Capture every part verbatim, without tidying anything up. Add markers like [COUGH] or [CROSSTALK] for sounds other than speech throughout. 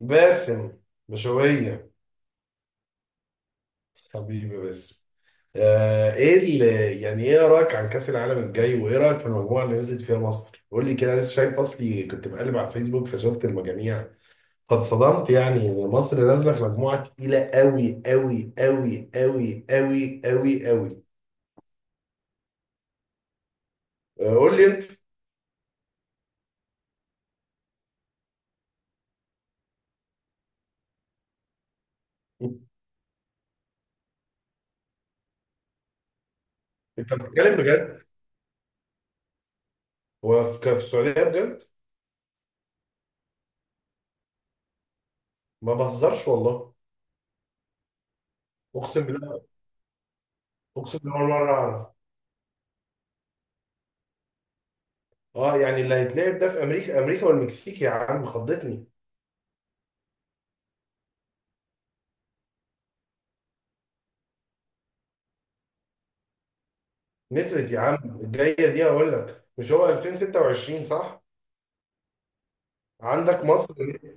باسم، بشوية. حبيبي باسم. آه ايه اللي يعني ايه رايك عن كأس العالم الجاي وايه رايك في المجموعة اللي نزلت فيها مصر؟ قول لي كده، لسه شايف. اصلي كنت بقلب على الفيسبوك فشفت المجاميع. قد صدمت يعني ان مصر نازلة في مجموعة تقيلة قوي قوي قوي قوي قوي قوي قوي. آه، قول لي انت. انت بتتكلم بجد؟ هو في في السعودية بجد؟ ما بهزرش والله. اقسم بالله، اقسم بالله أول مرة اعرف. اه يعني اللي هيتلعب ده في امريكا، امريكا والمكسيك. يا عم خضتني. نسرت يا عم الجايه دي، هقول لك، مش هو ألفين وستة وعشرين صح؟ عندك مصر.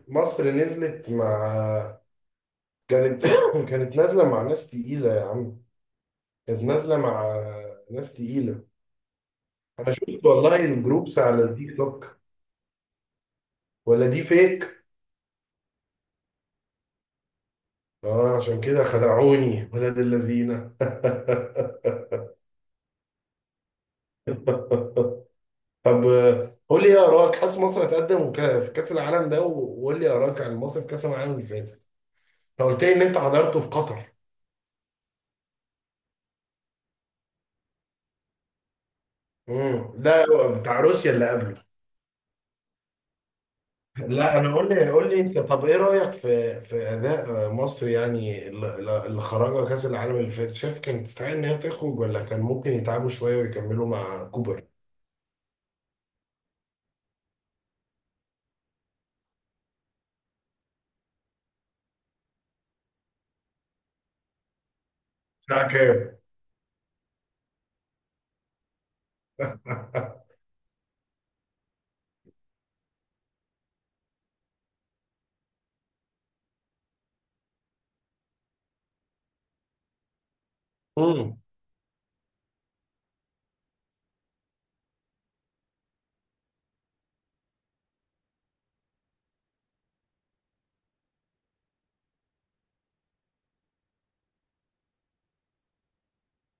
مصر نزلت مع. كانت [COUGHS] كانت نازله مع ناس تقيله يا عم. كانت نازله مع ناس تقيله. انا شفت والله الجروبس على التيك توك، ولا دي فيك؟ اه عشان كده خدعوني ولاد اللذينه. [LAUGHS] طب آه، قول لي ايه اراك، حاسس مصر هتقدم وك- في كاس العالم ده، و- وقول لي اراك عن مصر في كاس العالم اللي فاتت. انت قلت لي ان انت حضرته في قطر. امم لا، بتاع روسيا اللي قبله. لا انا، قول لي قول لي انت. طب ايه رايك في في اداء آه، مصر، يعني اللي اللي خرجها كاس العالم اللي فاتت. شايف كانت تستحق ان هي تخرج، ولا كان ممكن يتعبوا شويه ويكملوا مع كوبر؟ ساعه كام؟ [LAUGHS] امم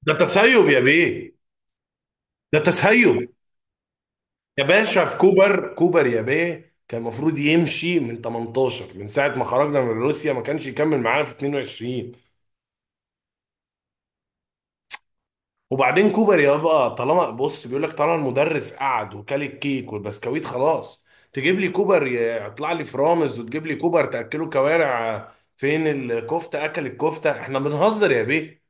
ده تسيب يا بيه. ده تسيب يا باشا، في كوبر. كوبر يا بيه كان المفروض يمشي من تمنتاشر، من ساعة ما خرجنا من روسيا، ما كانش يكمل معانا في اتنين وعشرين. وبعدين كوبر يابا، طالما بص بيقول لك، طالما المدرس قعد وكل الكيك والبسكويت خلاص. تجيب لي كوبر ي- يطلع لي فرامز، وتجيب لي كوبر تأكله كوارع. فين الكفتة، أكل الكفتة؟ احنا بنهزر يا بيه؟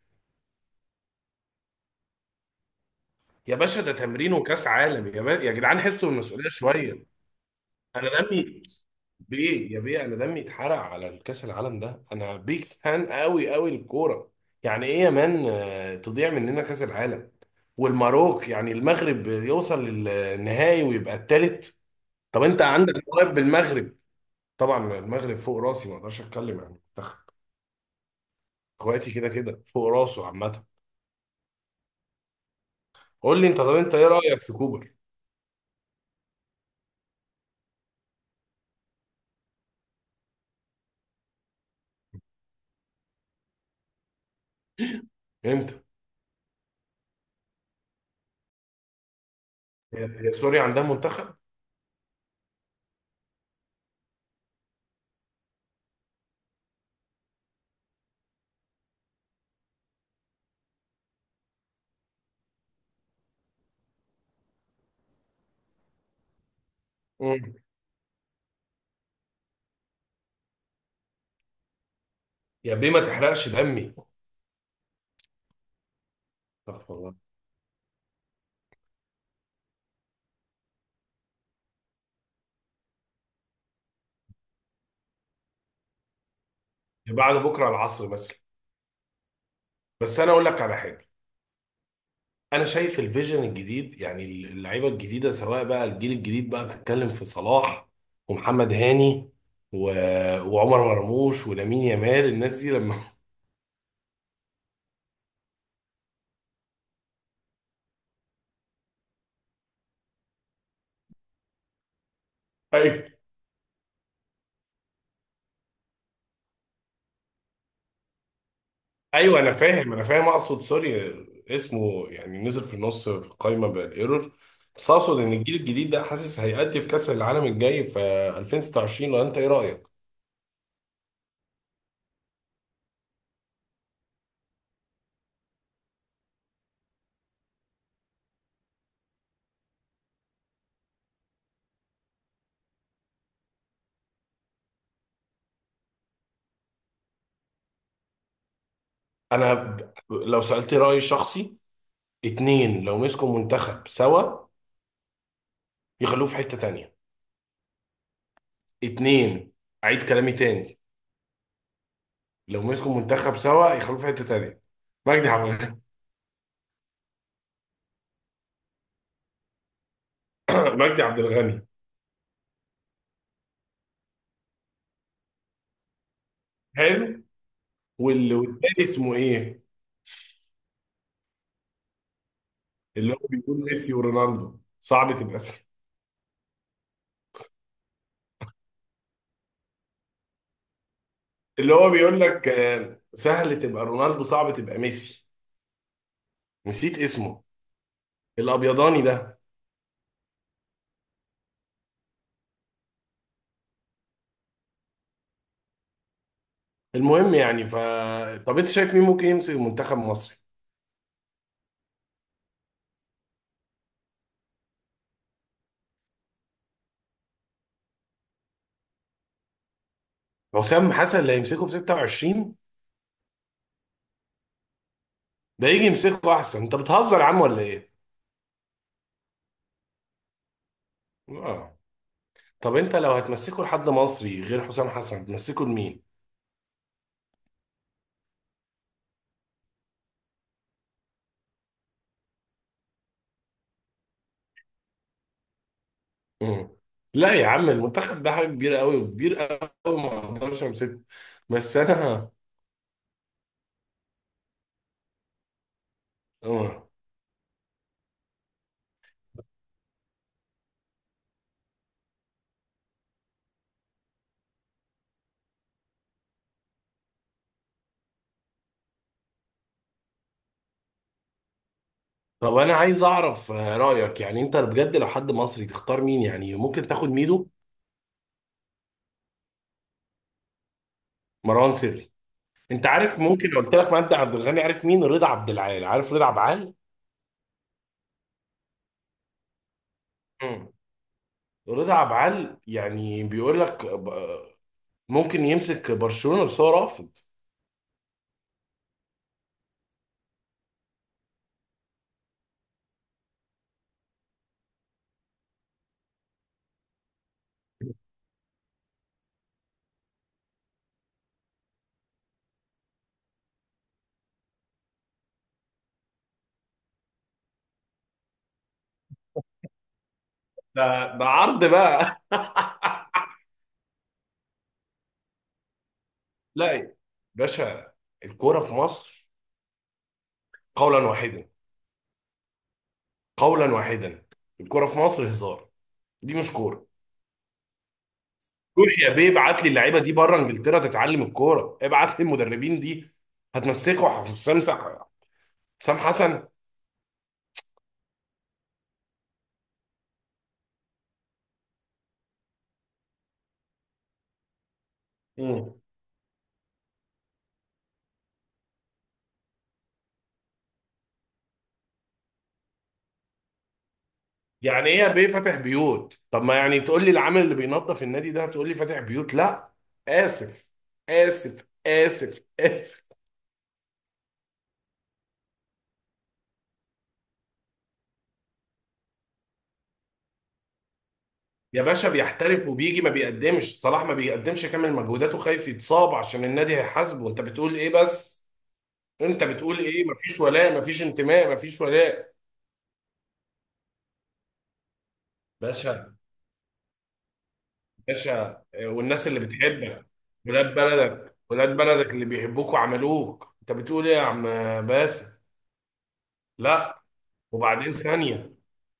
يا باشا، ده تمرين وكأس عالم، يا, با... يا جدعان حسوا المسؤولية شوية. انا دمي، بيه يا بيه، انا دمي اتحرق على الكاس العالم ده. انا بيك فان قوي قوي للكوره. يعني ايه يا مان آه، تضيع مننا كاس العالم؟ والمروك، يعني المغرب، يوصل للنهائي ويبقى التالت. طب انت عندك مواهب بالمغرب. طبعا المغرب فوق راسي، ما اقدرش اتكلم عن المنتخب. اخواتي كده كده فوق راسه عامه. قول لي انت، طب انت ايه رايك في كوبر؟ امتى؟ يا يا سوريا عندها منتخب؟ مم. يا بيه ما تحرقش دمي. طب والله. بعد بكره العصر بس. بس انا اقول لك على حاجه. انا شايف الفيجن الجديد يعني اللعيبه الجديده، سواء بقى الجيل الجديد بقى، بتتكلم في صلاح ومحمد هاني و... وعمر مرموش ولامين يامال. الناس دي لما. [LAUGHS] ايوه، ايوه انا فاهم، انا فاهم اقصد سوري. اسمه يعني نزل في النص في القايمه بالايرور. بس اقصد ان الجيل الجديد ده حاسس هيأدي في كاس العالم الجاي في ألفين وستة وعشرين. لو انت ايه رايك؟ انا ب- لو سألت رايي الشخصي، اتنين لو مسكوا منتخب سوا يخلوه في حته تانيه. اتنين، اعيد كلامي تاني، لو مسكوا منتخب سوا يخلوه في حته تانيه. مجدي عبد الغني. [COUGHS] مجدي عبد الغني حلو. وال- والتاني اسمه ايه؟ اللي هو بيقول ميسي ورونالدو، صعب تبقى سهل. اللي هو بيقول لك آه، سهل تبقى رونالدو، صعب تبقى ميسي. نسيت اسمه، الابيضاني ده. المهم يعني ف. طب انت شايف مين ممكن يمسك المنتخب المصري؟ حسام حسن اللي هيمسكه في ستة وعشرين؟ ده يجي يمسكه احسن. انت بتهزر يا عم ولا ايه؟ اه. طب انت لو هتمسكه لحد مصري غير حسام حسن، هتمسكه لمين؟ مم. لا يا عم، المنتخب ده حاجه كبيره قوي، وكبير قوي، ما اقدرش امسكه. بس انا. مم. طب انا عايز اعرف آه، رايك. يعني انت بجد لو حد مصري تختار مين؟ يعني ممكن تاخد ميدو؟ مروان سري. انت عارف، ممكن لو قلت لك مجدي عبد الغني، عارف مين؟ رضا عبد العال. عارف رضا عبد العال؟ مم. رضا عبد العال يعني بيقول لك آه، ممكن يمسك برشلونه، بس هو رافض. ده ده عرض بقى. [LAUGHS] لا يا باشا، الكوره في مصر، قولا واحدا، قولا واحدا، الكوره في مصر هزار، دي مش كوره. روح يا بيه، ابعت لي اللعيبه دي بره انجلترا تتعلم الكوره، ابعت لي المدربين دي. هتمسكوا حسام سح- حسام حسن. مم. يعني ايه يا بيه فاتح بيوت؟ طب ما يعني تقول لي العامل اللي بينظف النادي ده تقول لي فاتح بيوت؟ لا. اسف. اسف، اسف، اسف. يا باشا بيحترف وبيجي ما بيقدمش، صلاح ما بيقدمش كامل مجهوداته، خايف يتصاب عشان النادي هيحاسبه. انت بتقول ايه بس؟ انت بتقول ايه، مفيش ولاء، مفيش انتماء، مفيش ولاء. باشا، باشا آه، والناس اللي بتحبك، ولاد بلدك، ولاد بلدك اللي بيحبوك وعملوك، انت بتقول ايه يا عم؟ باسم. لا. وبعدين ثانية،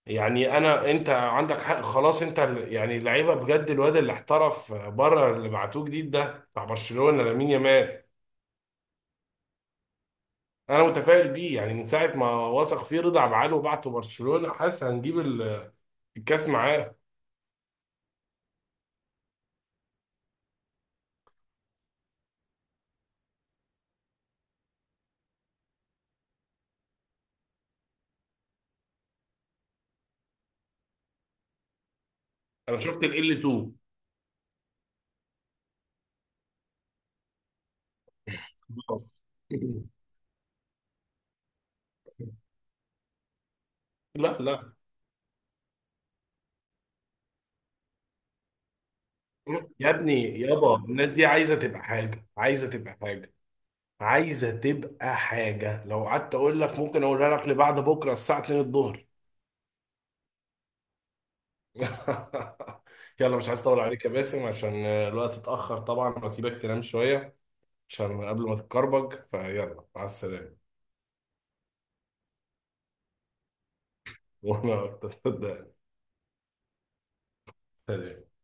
يعني انا، انت عندك حق، خلاص. انت ال- يعني اللعيبه بجد، الواد اللي احترف بره، اللي بعتوه جديد ده بتاع برشلونة لامين يامال. انا متفائل بيه يعني، من ساعه ما وثق فيه رضا عبد العال وبعته برشلونه، حاسس هنجيب ال- الكاس معاه. انا شفت ال إل اتنين. خلاص. [LAUGHS] لا لا يا ابني يابا، الناس دي عايزه تبقى حاجه، عايزه تبقى حاجه، عايزه تبقى حاجه. لو قعدت اقول لك ممكن اقولها لك لبعد بكره الساعه الثانية الظهر. [LAUGHS] يلا مش عايز اطول عليك يا باسم عشان الوقت اتاخر طبعا، واسيبك تنام شويه، عشان قبل ما تتكربج فيلا. مع السلامه. [LAUGHS] وانا اكتر. سلام.